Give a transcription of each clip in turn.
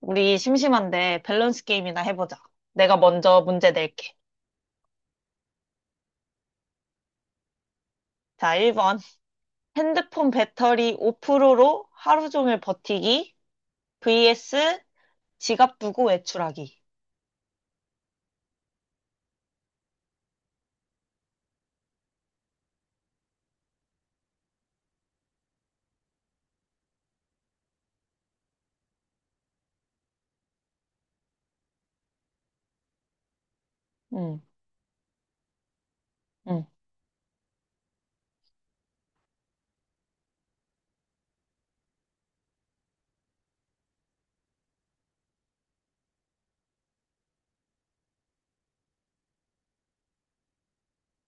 우리 심심한데 밸런스 게임이나 해보자. 내가 먼저 문제 낼게. 자, 1번. 핸드폰 배터리 5%로 하루 종일 버티기 vs 지갑 두고 외출하기. 응, 응.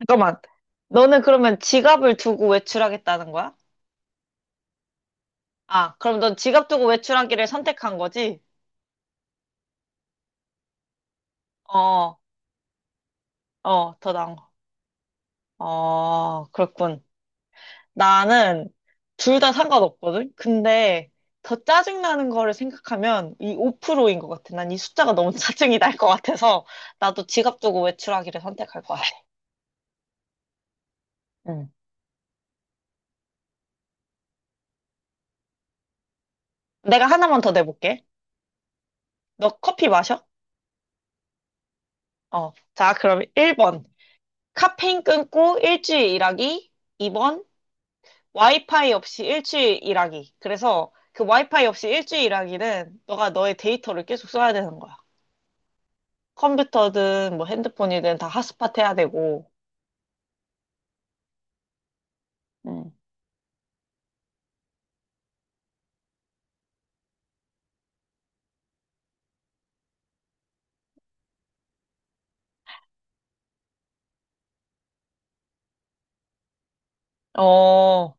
잠깐만. 너는 그러면 지갑을 두고 외출하겠다는 거야? 아, 그럼 넌 지갑 두고 외출하기를 선택한 거지? 어, 어, 더 나은 거. 어, 그렇군. 나는 둘 다 상관없거든? 근데 더 짜증나는 거를 생각하면 이 5%인 것 같아. 난 이 숫자가 너무 짜증이 날 것 같아서 나도 지갑 두고 외출하기를 선택할 것 같아. 응. 내가 하나만 더 내볼게. 너 커피 마셔? 어. 자, 그럼 1번. 카페인 끊고 일주일 일하기. 2번. 와이파이 없이 일주일 일하기. 그래서 그 와이파이 없이 일주일 일하기는 너가 너의 데이터를 계속 써야 되는 거야. 컴퓨터든 뭐 핸드폰이든 다 핫스팟 해야 되고. 응. 어,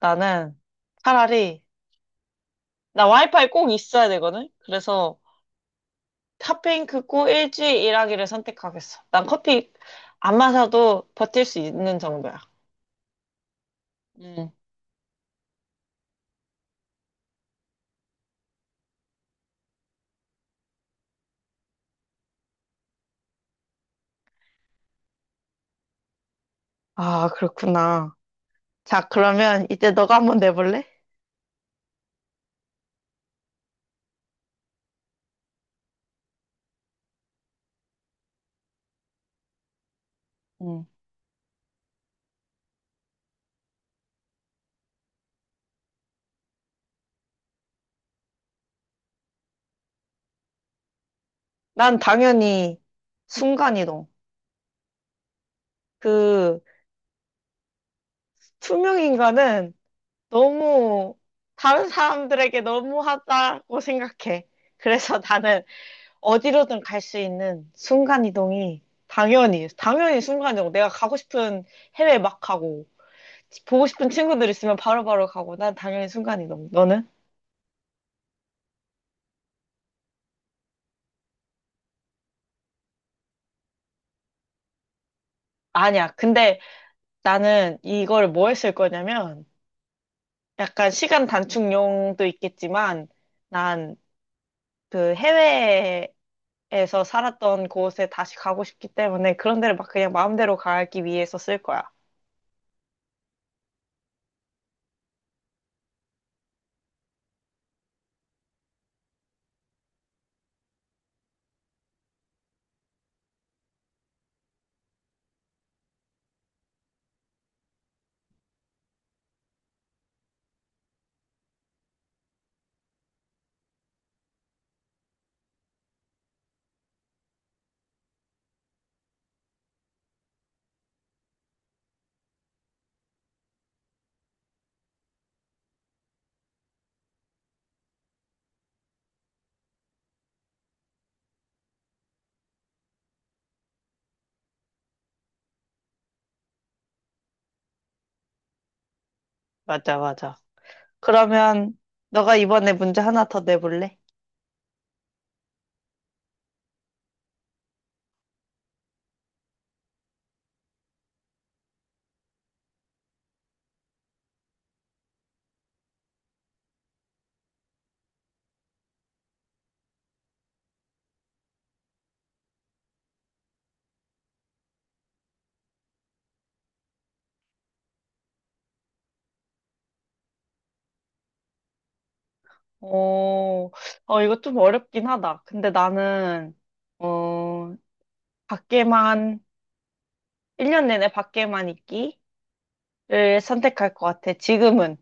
나는 차라리, 나 와이파이 꼭 있어야 되거든? 그래서 핫핑크 고 일주일 일하기를 선택하겠어. 난 커피 안 마셔도 버틸 수 있는 정도야. 응. 아, 그렇구나. 자, 그러면 이제 너가 한번 내볼래? 응. 난 당연히 순간이동. 그 투명인간은 너무 다른 사람들에게 너무하다고 생각해. 그래서 나는 어디로든 갈 수 있는 순간 이동이 당연히 당연히 순간 이동. 내가 가고 싶은 해외 막 가고 보고 싶은 친구들 있으면 바로바로 가고 난 당연히 순간 이동. 너는? 아니야. 근데 나는 이걸 뭐 했을 거냐면 약간 시간 단축용도 있겠지만 난 그 해외에서 살았던 곳에 다시 가고 싶기 때문에 그런 데를 막 그냥 마음대로 가기 위해서 쓸 거야. 맞아, 맞아. 그러면 너가 이번에 문제 하나 더 내볼래? 어, 이거 좀 어렵긴 하다. 근데 나는, 어, 밖에만, 1년 내내 밖에만 있기를 선택할 것 같아. 지금은.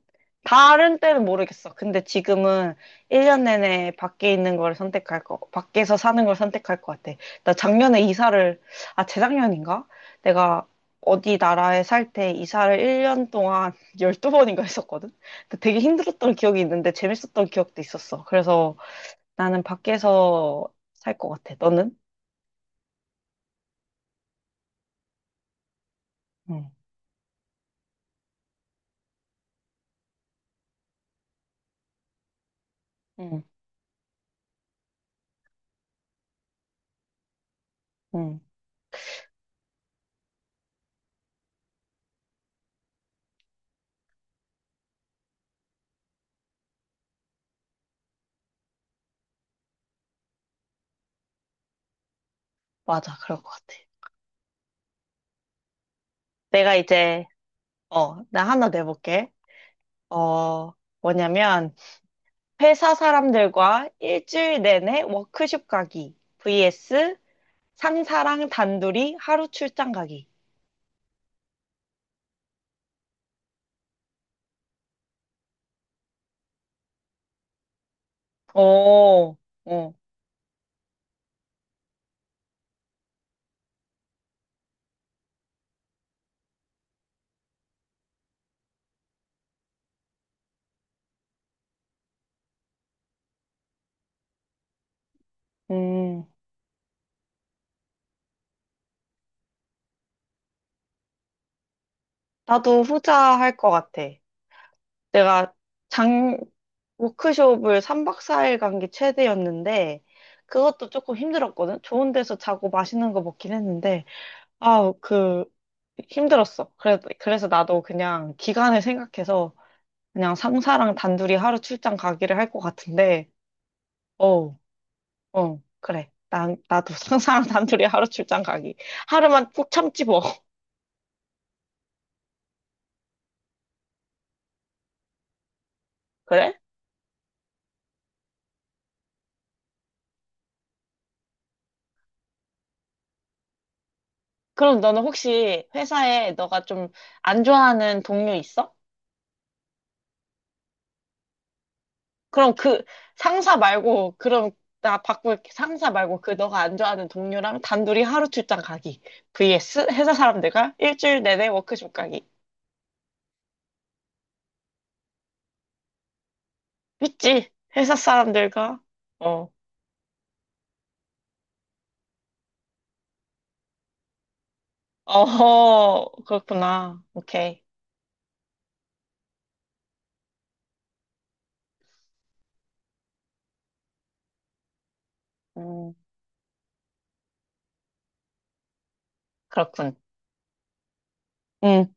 다른 때는 모르겠어. 근데 지금은 1년 내내 밖에 있는 걸 선택할 거, 밖에서 사는 걸 선택할 것 같아. 나 작년에 이사를, 아, 재작년인가? 내가 어디 나라에 살 때 이사를 1년 동안 12번인가 했었거든? 근데 되게 힘들었던 기억이 있는데 재밌었던 기억도 있었어. 그래서 나는 밖에서 살 것 같아. 너는? 응, 응, 응. 맞아. 그럴 것 같아. 내가 이제, 나 하나 내볼게. 어, 뭐냐면, 회사 사람들과 일주일 내내 워크숍 가기. vs 상사랑 단둘이 하루 출장 가기. 어, 어, 음, 나도 후자 할 것 같아. 내가 작, 워크숍을 3박 4일 간 게 최대였는데, 그것도 조금 힘들었거든? 좋은 데서 자고 맛있는 거 먹긴 했는데, 아, 그, 힘들었어. 그래, 그래서 나도 그냥 기간을 생각해서 그냥 상사랑 단둘이 하루 출장 가기를 할 것 같은데, 어, 그래. 나도 상사랑 단둘이 하루 출장 가기. 하루만 푹 참지 뭐. 그래? 그럼 너는 혹시 회사에 너가 좀 안 좋아하는 동료 있어? 그럼 그 상사 말고 그럼 나 바꿀게. 상사 말고 그 너가 안 좋아하는 동료랑 단둘이 하루 출장 가기. vs 회사 사람들과 일주일 내내 워크숍 가기. 있지? 회사 사람들과 어. 어허. 그렇구나. 오케이. 음. 그렇군. 음.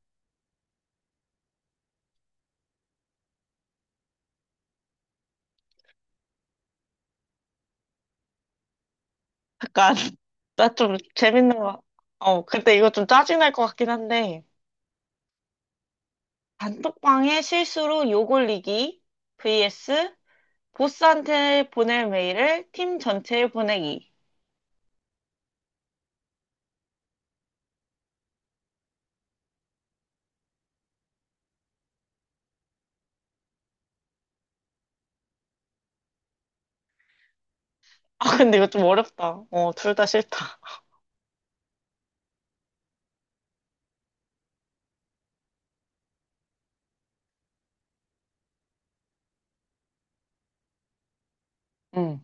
약간 나 좀 재밌는 거. 어, 근데 이거 좀 짜증날 것 같긴 한데. 단톡방에 실수로 욕 올리기 vs 보스한테 보낼 메일을 팀 전체에 보내기. 아, 근데 이거 좀 어렵다. 어, 둘 다 싫다. 응,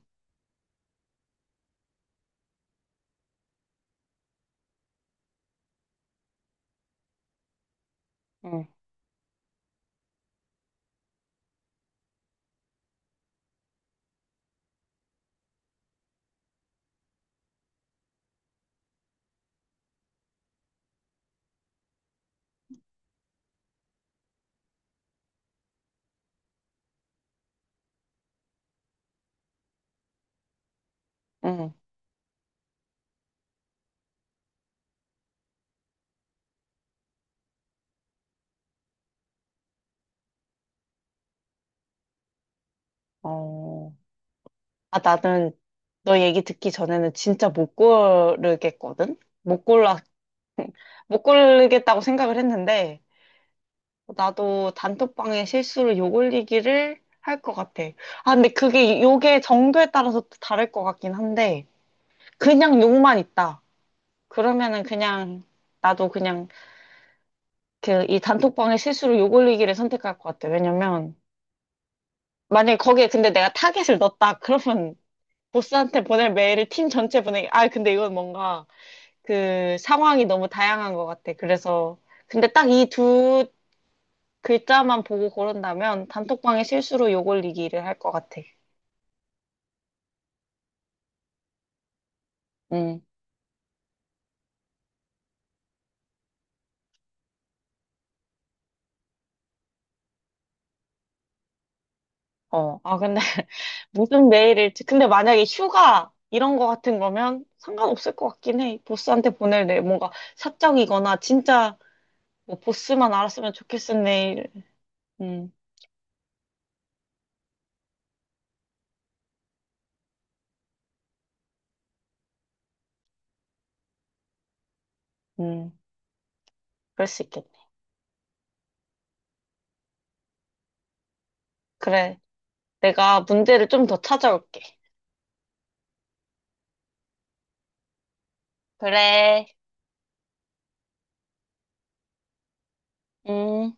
응, 응. 어. 아, 나는 너 얘기 듣기 전에는 진짜 못 고르겠거든? 못 골라, 못 고르겠다고 생각을 했는데, 나도 단톡방에 실수로 욕 올리기를 할 것 같아. 아, 근데 그게 욕의 정도에 따라서 또 다를 것 같긴 한데, 그냥 욕만 있다. 그러면은 그냥, 나도 그냥 그 이 단톡방에 실수로 욕 올리기를 선택할 것 같아. 왜냐면, 만약에 거기에 근데 내가 타겟을 넣었다. 그러면 보스한테 보낼 메일을 팀 전체 보내기. 아, 근데 이건 뭔가 그 상황이 너무 다양한 것 같아. 그래서 근데 딱 이 두 글자만 보고 고른다면 단톡방에 실수로 욕 올리기를 할 것 같아. 음. 어. 아, 근데 무슨 메일을 근데 만약에 휴가 이런 거 같은 거면 상관없을 것 같긴 해. 보스한테 보낼 내 뭔가 사적이거나 진짜 뭐 보스만 알았으면 좋겠은 내일. 음. 음. 그럴 수 있겠네. 그래. 내가 문제를 좀 더 찾아올게. 그래. 음.